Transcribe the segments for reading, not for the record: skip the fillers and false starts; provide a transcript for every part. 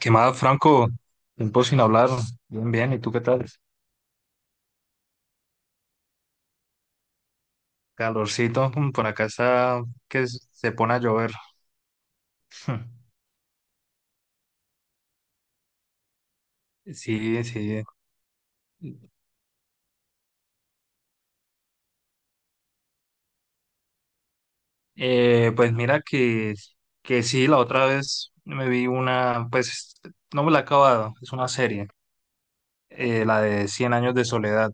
¿Qué más, Franco? Tiempo sin hablar. Bien, bien. ¿Y tú qué tal? Calorcito. Por acá está que se pone a llover. Sí, sí. Pues mira que sí, la otra vez me vi una, pues no me la he acabado, es una serie, la de Cien años de soledad,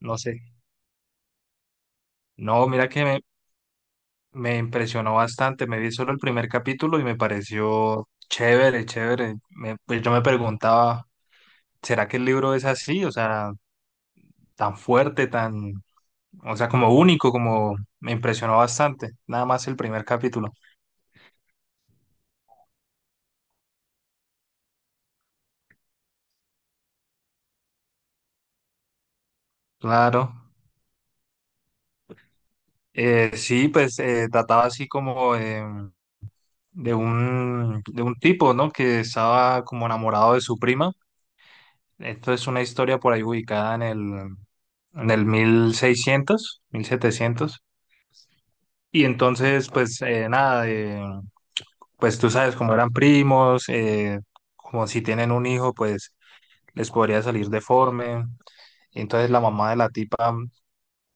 no sé. No, mira me impresionó bastante, me vi solo el primer capítulo y me pareció chévere, chévere. Pues yo me preguntaba, ¿será que el libro es así? O sea, tan fuerte, tan, o sea, como único, como me impresionó bastante, nada más el primer capítulo. Claro. Sí, pues trataba así como de un tipo, ¿no? Que estaba como enamorado de su prima. Esto es una historia por ahí ubicada en en el 1600 1700. Y entonces, pues nada, pues tú sabes como eran primos, como si tienen un hijo, pues les podría salir deforme. Y entonces la mamá de la tipa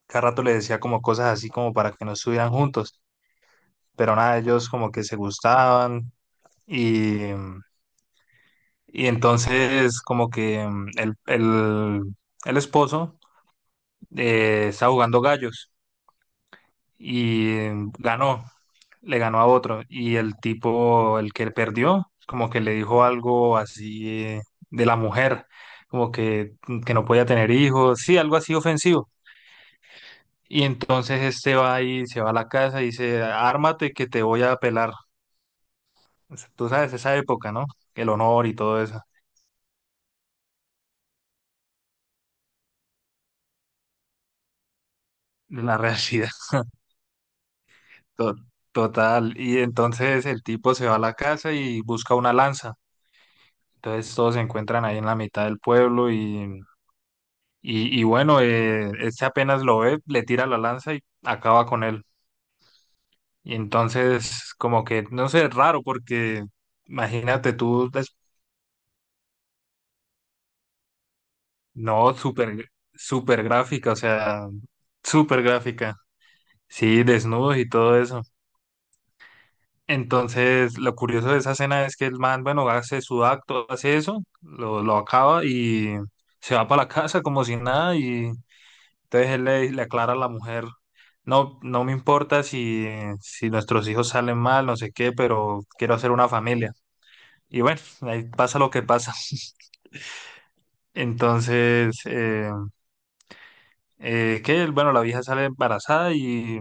cada rato le decía como cosas así como para que no estuvieran juntos, pero nada, ellos como que se gustaban y, y entonces como que el esposo estaba jugando gallos y ganó, le ganó a otro y el tipo, el que perdió, como que le dijo algo así de la mujer, como que, que no podía tener hijos, sí, algo así ofensivo. Y entonces este va y se va a la casa y dice, ármate que te voy a pelar. O sea, tú sabes esa época, ¿no? El honor y todo eso, la realidad to- total. Y entonces el tipo se va a la casa y busca una lanza. Entonces todos se encuentran ahí en la mitad del pueblo y bueno, este apenas lo ve, le tira la lanza y acaba con él. Y entonces como que, no sé, es raro porque imagínate tú. No, súper, súper gráfica, o sea, súper gráfica. Sí, desnudos y todo eso. Entonces, lo curioso de esa escena es que el man, bueno, hace su acto, hace eso, lo acaba y se va para la casa como si nada y entonces le aclara a la mujer, no, no me importa si nuestros hijos salen mal, no sé qué, pero quiero hacer una familia. Y bueno, ahí pasa lo que pasa. Entonces, que, bueno, la vieja sale embarazada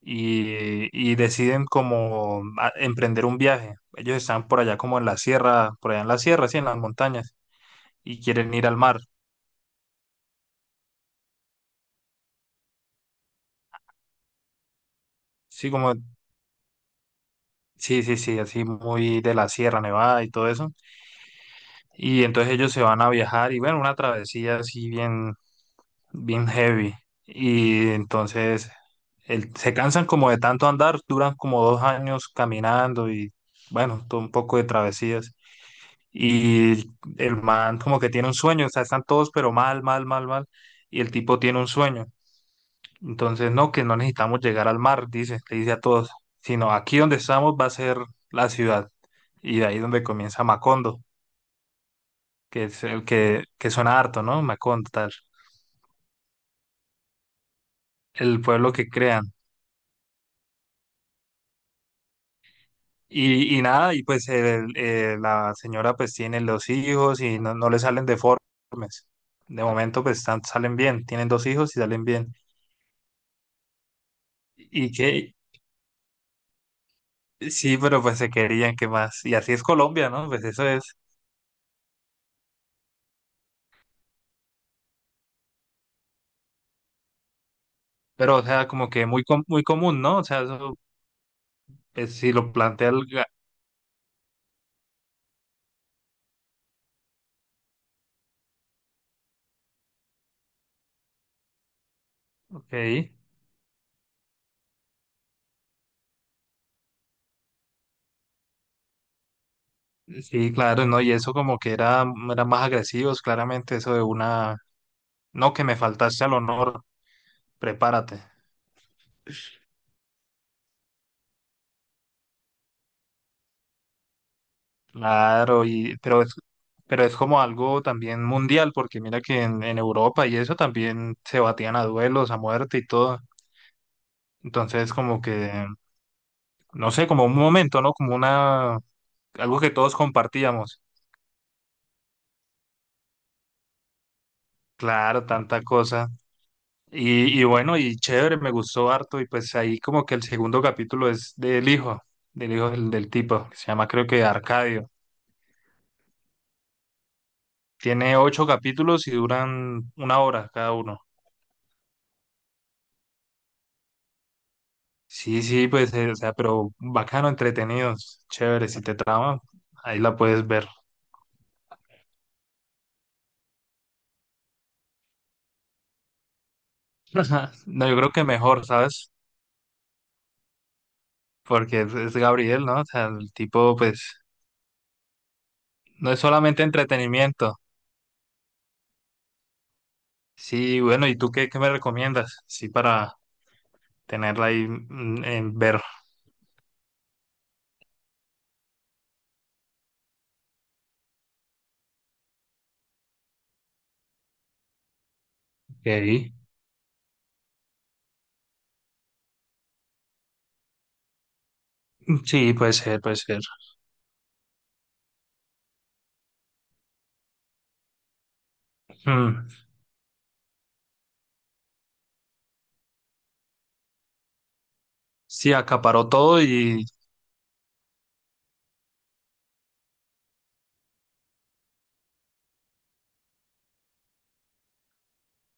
y, y deciden como emprender un viaje. Ellos están por allá como en la sierra, por allá en la sierra, sí, en las montañas, y quieren ir al mar. Sí, como, sí, sí, sí, así muy de la Sierra Nevada y todo eso. Y entonces ellos se van a viajar y bueno, una travesía así bien, bien heavy. Y entonces se cansan como de tanto andar, duran como 2 años caminando y bueno, todo un poco de travesías. Y el man como que tiene un sueño, o sea, están todos pero mal, mal, mal, mal. Y el tipo tiene un sueño. Entonces, no, que no necesitamos llegar al mar, dice, le dice a todos, sino aquí donde estamos va a ser la ciudad. Y de ahí donde comienza Macondo, que es el que suena harto, ¿no? Macondo, tal, el pueblo que crean. Y nada, y pues la señora pues tiene los hijos y no, no le salen deformes. De momento pues están, salen bien, tienen dos hijos y salen bien. ¿Y qué? Sí, pero pues se querían que más. Y así es Colombia, ¿no? Pues eso es. Pero, o sea, como que muy, muy común, ¿no? O sea, eso, pues, si lo plantea el... Ok. Sí, claro, ¿no? Y eso como que era, eran más agresivos, claramente, eso de una... No, que me faltaste al honor, prepárate. Claro, y... pero es como algo también mundial, porque mira que en Europa y eso también se batían a duelos, a muerte y todo. Entonces, como que, no sé, como un momento, ¿no? Como una... algo que todos compartíamos. Claro, tanta cosa. Y bueno, y chévere, me gustó harto. Y pues ahí como que el segundo capítulo es del hijo, del hijo del tipo, que se llama creo que Arcadio. Tiene 8 capítulos y duran una hora cada uno. Sí, sí, pues, o sea, pero bacano, entretenidos, chévere. Si te trama, ahí la puedes ver. Ajá. No, yo creo que mejor, ¿sabes? Porque es Gabriel, ¿no? O sea, el tipo, pues, no es solamente entretenimiento. Sí, bueno, ¿y tú qué, qué me recomiendas? Sí, para tenerla ahí en ver. Ok. Sí, puede ser, puede ser. Mm. Sí, acaparó todo y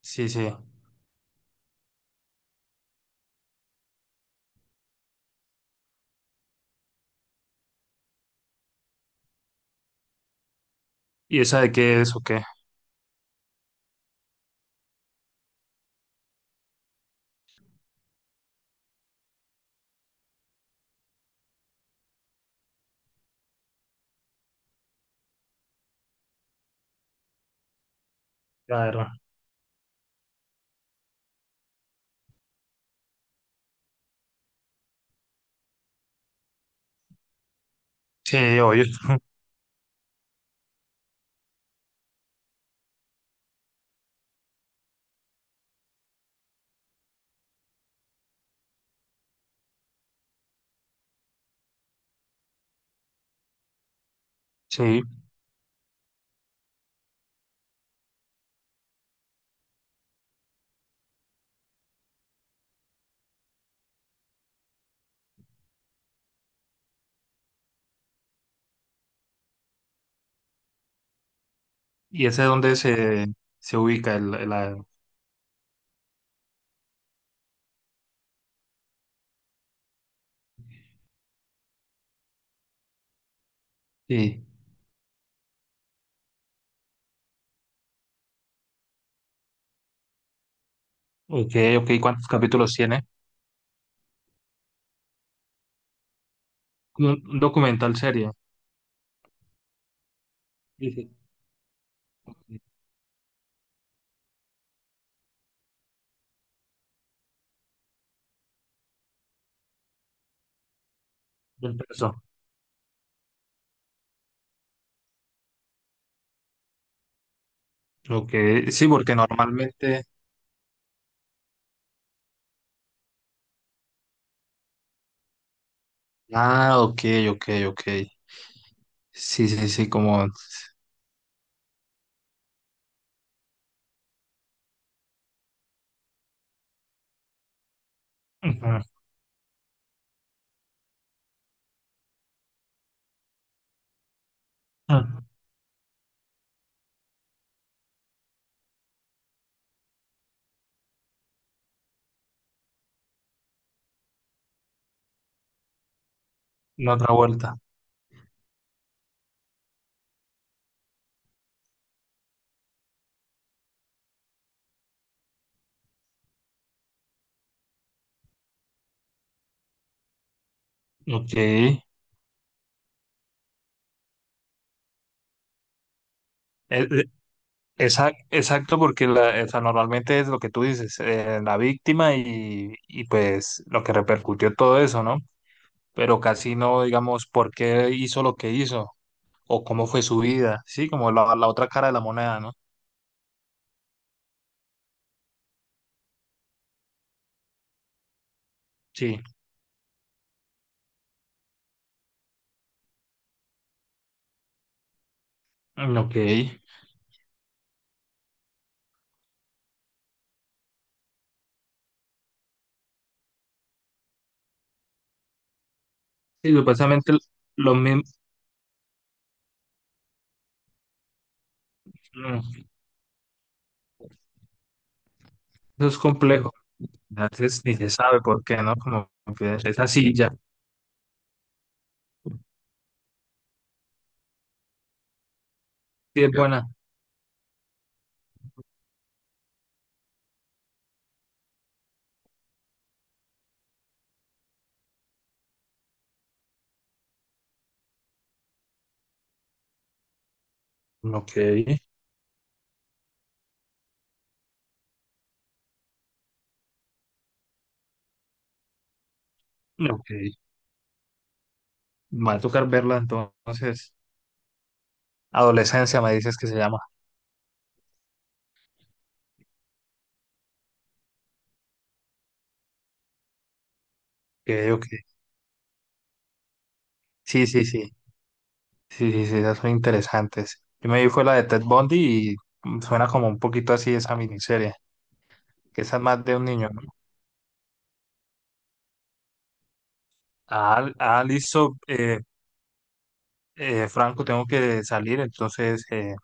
sí, sí. ¿Y esa de qué es o qué? Claro. Sí, oye. Sí. ¿Y ese dónde se ubica el... Sí. Ok, ok. ¿Cuántos capítulos tiene? Un documental serie. Sí, sí. Del peso. Ok, sí, porque normalmente. Ah, ok, ok, ok. Sí, sí, sí, como. Ujú. Mm. La otra vuelta. Ok. Eh, esa- exacto, porque la, o sea, normalmente es lo que tú dices, la víctima y pues lo que repercutió todo eso, ¿no? Pero casi no, digamos, por qué hizo lo que hizo o cómo fue su vida, ¿sí? Como la otra cara de la moneda, ¿no? Sí. Mm. Ok. Sí, supuestamente lo mismo. mm, Eso es complejo. A veces ni se sabe por qué, ¿no? Como que es así, ya. Sí, es buena. Ok. Ok. Me va a tocar verla entonces. Adolescencia me dices que se llama. Que yo que sí, sí, sí. Sí, sí, sí, esas son interesantes. Yo me vi fue la de Ted Bundy y suena como un poquito así esa miniserie, que esa es más de un niño, ¿no? Ah, ah, listo, Franco, tengo que salir, entonces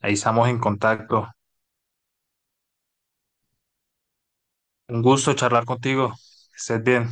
ahí estamos en contacto. Un gusto charlar contigo. Que estés bien.